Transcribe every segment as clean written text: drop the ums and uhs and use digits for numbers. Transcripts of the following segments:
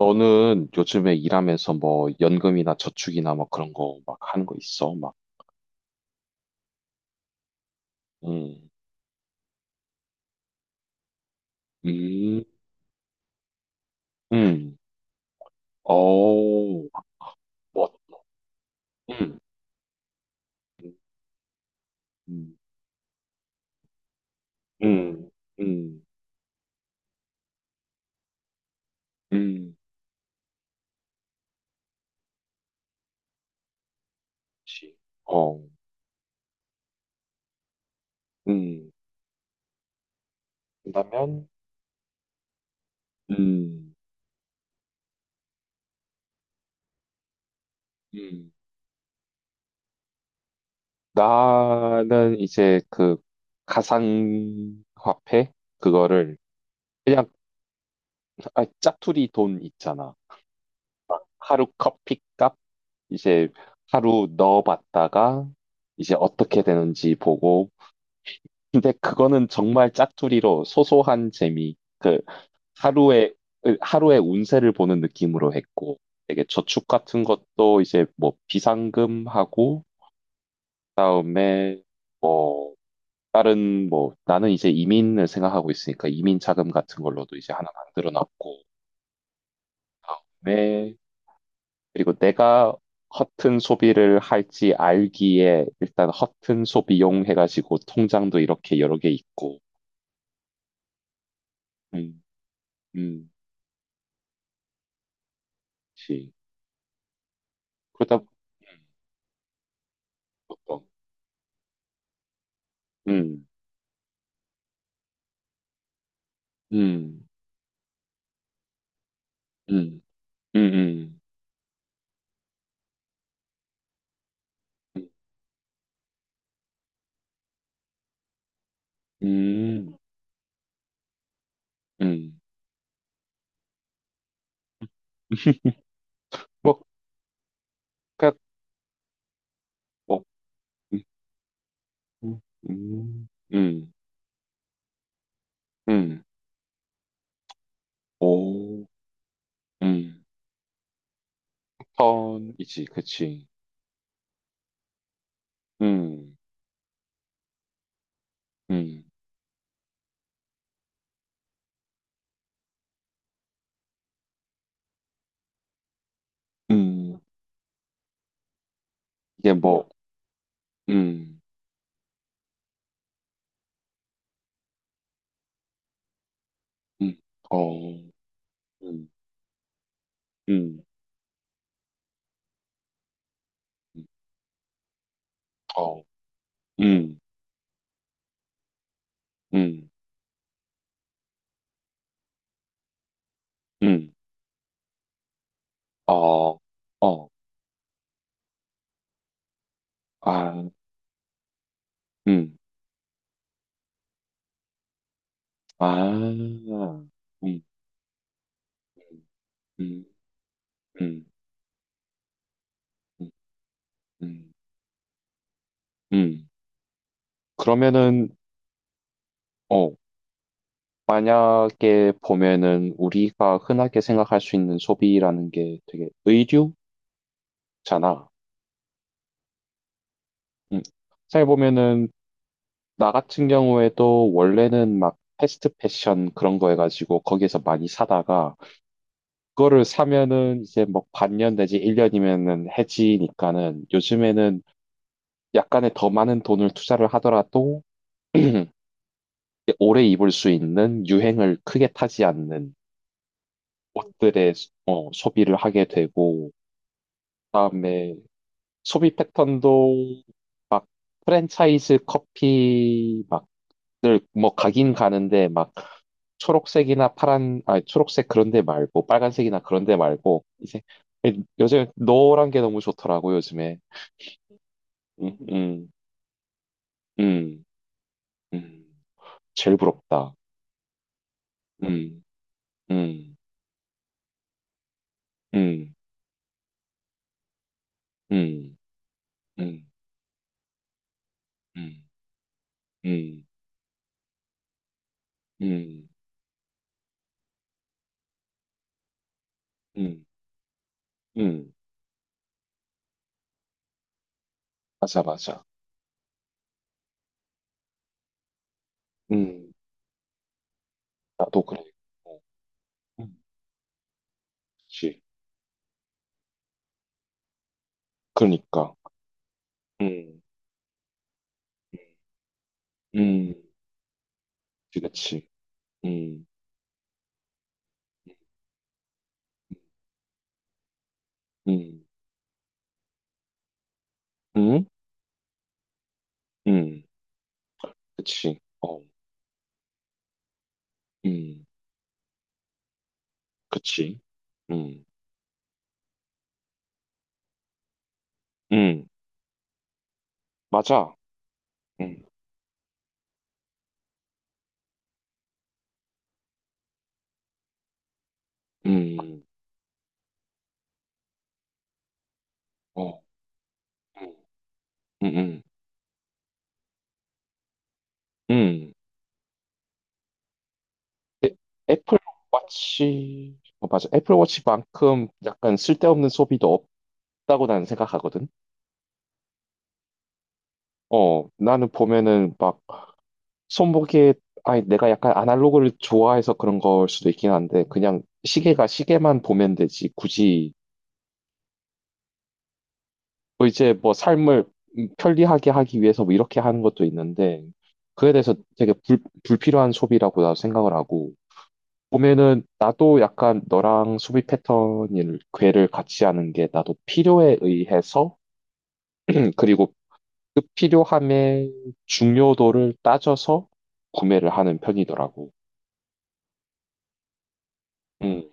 너는 요즘에 일하면서 뭐 연금이나 저축이나 뭐 그런 거 막 하는 거 있어? 막, 음, 음, 음, 어, 뭐, 음, 음, 음, 음, 음, 그치. 어, 음, 그러면, 음, 음, 나는 이제 그 가상화폐 그거를 그냥. 아, 짜투리 돈 있잖아. 막 하루 커피값 이제 하루 넣어봤다가 이제 어떻게 되는지 보고. 근데 그거는 정말 짝투리로 소소한 재미 그 하루의 하루의 운세를 보는 느낌으로 했고, 되게 저축 같은 것도 이제 뭐 비상금하고 그다음에 뭐 다른 뭐 나는 이제 이민을 생각하고 있으니까 이민 자금 같은 걸로도 이제 하나 만들어 놨고. 네. 그리고 내가 허튼 소비를 할지 알기에 일단 허튼 소비용 해가지고 통장도 이렇게 여러 개 있고, 음, 음, 그렇지. 그러다, 어떤, 음, 음, 음, 음, 음, 음, 음, 뭐, 그 뭐, 음, 음, 음, 음, 음. 오, 음, 턴이지, 그치. 음, 음, 음, 이게 뭐, 음, 음, 어, 음, 음, 음, 어, 음, 음, 음, 어, 어, 아, 음, 아, 음, 음, 음, 음, 음, 음. 그러면은, 어, 만약에 보면은 우리가 흔하게 생각할 수 있는 소비라는 게 되게 의류잖아. 음. 잘 보면은, 나 같은 경우에도 원래는 막 패스트 패션 그런 거 해가지고 거기에서 많이 사다가 그거를 사면은 이제 뭐 반년 내지 1년이면은 해지니까는, 요즘에는 약간의 더 많은 돈을 투자를 하더라도 오래 입을 수 있는 유행을 크게 타지 않는 옷들의 소- 어, 소비를 하게 되고, 그다음에 소비 패턴도 프랜차이즈 커피 막늘뭐 가긴 가는데, 막 초록색이나 파란 아 초록색 그런 데 말고 빨간색이나 그런 데 말고 이제 예, 요즘 노란 게 너무 좋더라고 요즘에. 음, 음, 음, 음. 제일 부럽다. 음, 음, 음, 음, 음, 음, 음, 음, 음, 음. 음. 맞아, 맞아. 음, 나도 그래. 어, 음, 그치. 그러니까. 음, 음, 음. 그치, 그치. 음, 음, 음, 음, 그치. 어, 음, 그치. 음, 음, 맞아. 음, 음, 어, 음, 음, 음. 애- 애플 워치, 어, 맞아. 애플 워치만큼 약간 쓸데없는 소비도 없다고 나는 생각하거든. 어, 나는 보면은 막 손목에, 아니, 내가 약간 아날로그를 좋아해서 그런 걸 수도 있긴 한데, 그냥 시계가 시계만 보면 되지. 굳이, 뭐 이제 뭐 삶을 편리하게 하기 위해서 뭐 이렇게 하는 것도 있는데, 그에 대해서 되게 불필요한 소비라고 나도 생각을 하고, 보면은 나도 약간 너랑 소비 패턴을 궤를 같이 하는 게 나도 필요에 의해서 그리고 그 필요함의 중요도를 따져서 구매를 하는 편이더라고. 음,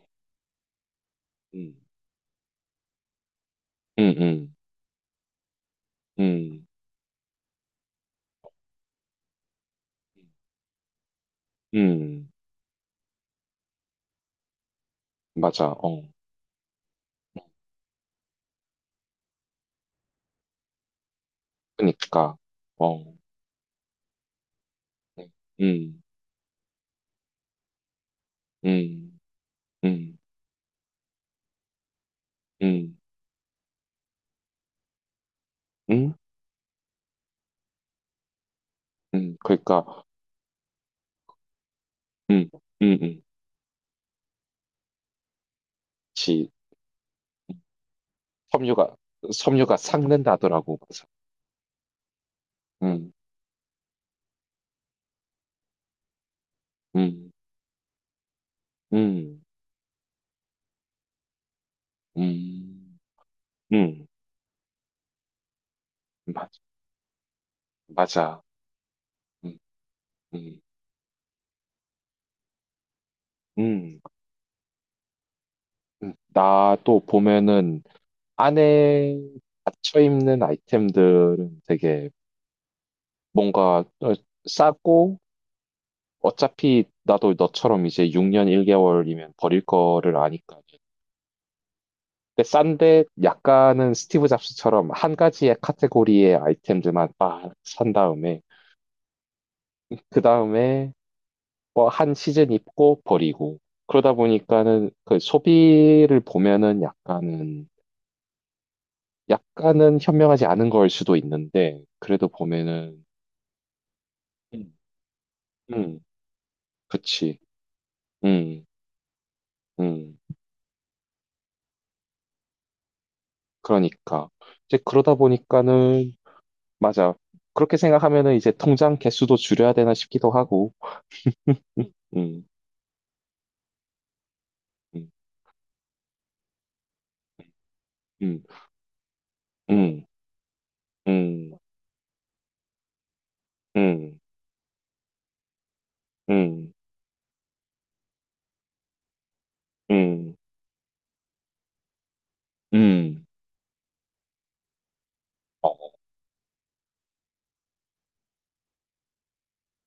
음, 음, 음, 음, 음, 음. 맞아. 어, 그니까, 어, 네. 음, 음, 음, 음, 음, 그러니까, 음, 음, 음, 지 섬유가 섬유가 삭는다더라고. 맞아. 음, 음. 음, 음, 음, 맞, 맞아. 음, 음, 음, 나도 보면은 안에 닫혀 입는 아이템들은 되게 뭔가 어, 싸고 어차피 나도 너처럼 이제 6년 1개월이면 버릴 거를 아니까. 근데 싼데 약간은 스티브 잡스처럼 한 가지의 카테고리의 아이템들만 막 산 다음에 그 다음에 뭐 한 시즌 입고 버리고 그러다 보니까는 그 소비를 보면은 약간은 약간은 현명하지 않은 걸 수도 있는데 그래도 보면은. 음. 음, 그치, 음음. 그러니까 이제 그러다 보니까는 맞아. 그렇게 생각하면은 이제 통장 개수도 줄여야 되나 싶기도 하고. 음음음음음음음음음어,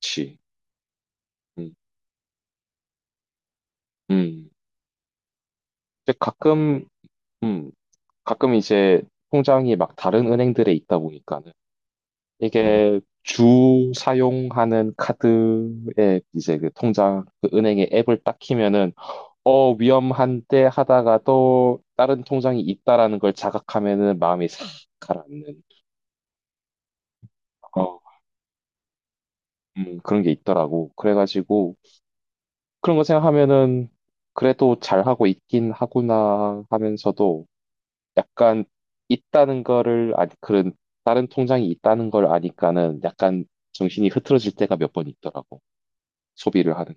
그치, 음, 음. 이제 가끔, 음, 가끔 이제 통장이 막 다른 은행들에 있다 보니까는, 이게 주 사용하는 카드에 이제 그 통장 그 은행의 앱을 딱 키면은 어 위험한데 하다가 또 다른 통장이 있다라는 걸 자각하면은 마음이 싹 가라앉는 어, 그런 게 있더라고. 그래가지고 그런 거 생각하면은 그래도 잘하고 있긴 하구나 하면서도, 약간 있다는 거를 아니 그런 다른 통장이 있다는 걸 아니까는 약간 정신이 흐트러질 때가 몇 번 있더라고 소비를 하는.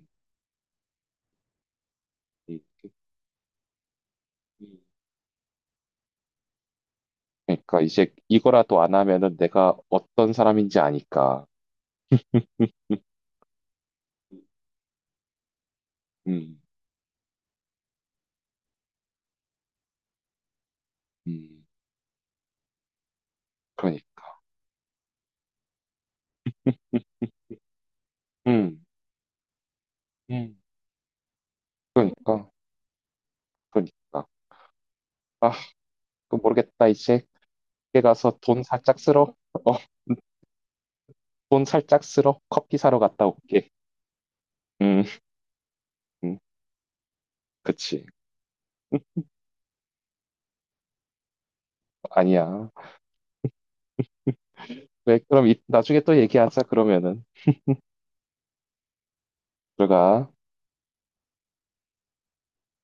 음. 음. 그러니까 이제 이거라도 안 하면은 내가 어떤 사람인지 아니까 음, 음, 음. 그러니까, 음, 음, 그러니까, 그러니까 아 그 모르겠다 이제 밖에 가서 돈 살짝 쓸어, 어, 돈 살짝 쓸어 커피 사러 갔다 올게. 음, 음, 그치. 아니야. 그래, 그럼 이- 나중에 또 얘기하자, 그러면은. 들어가.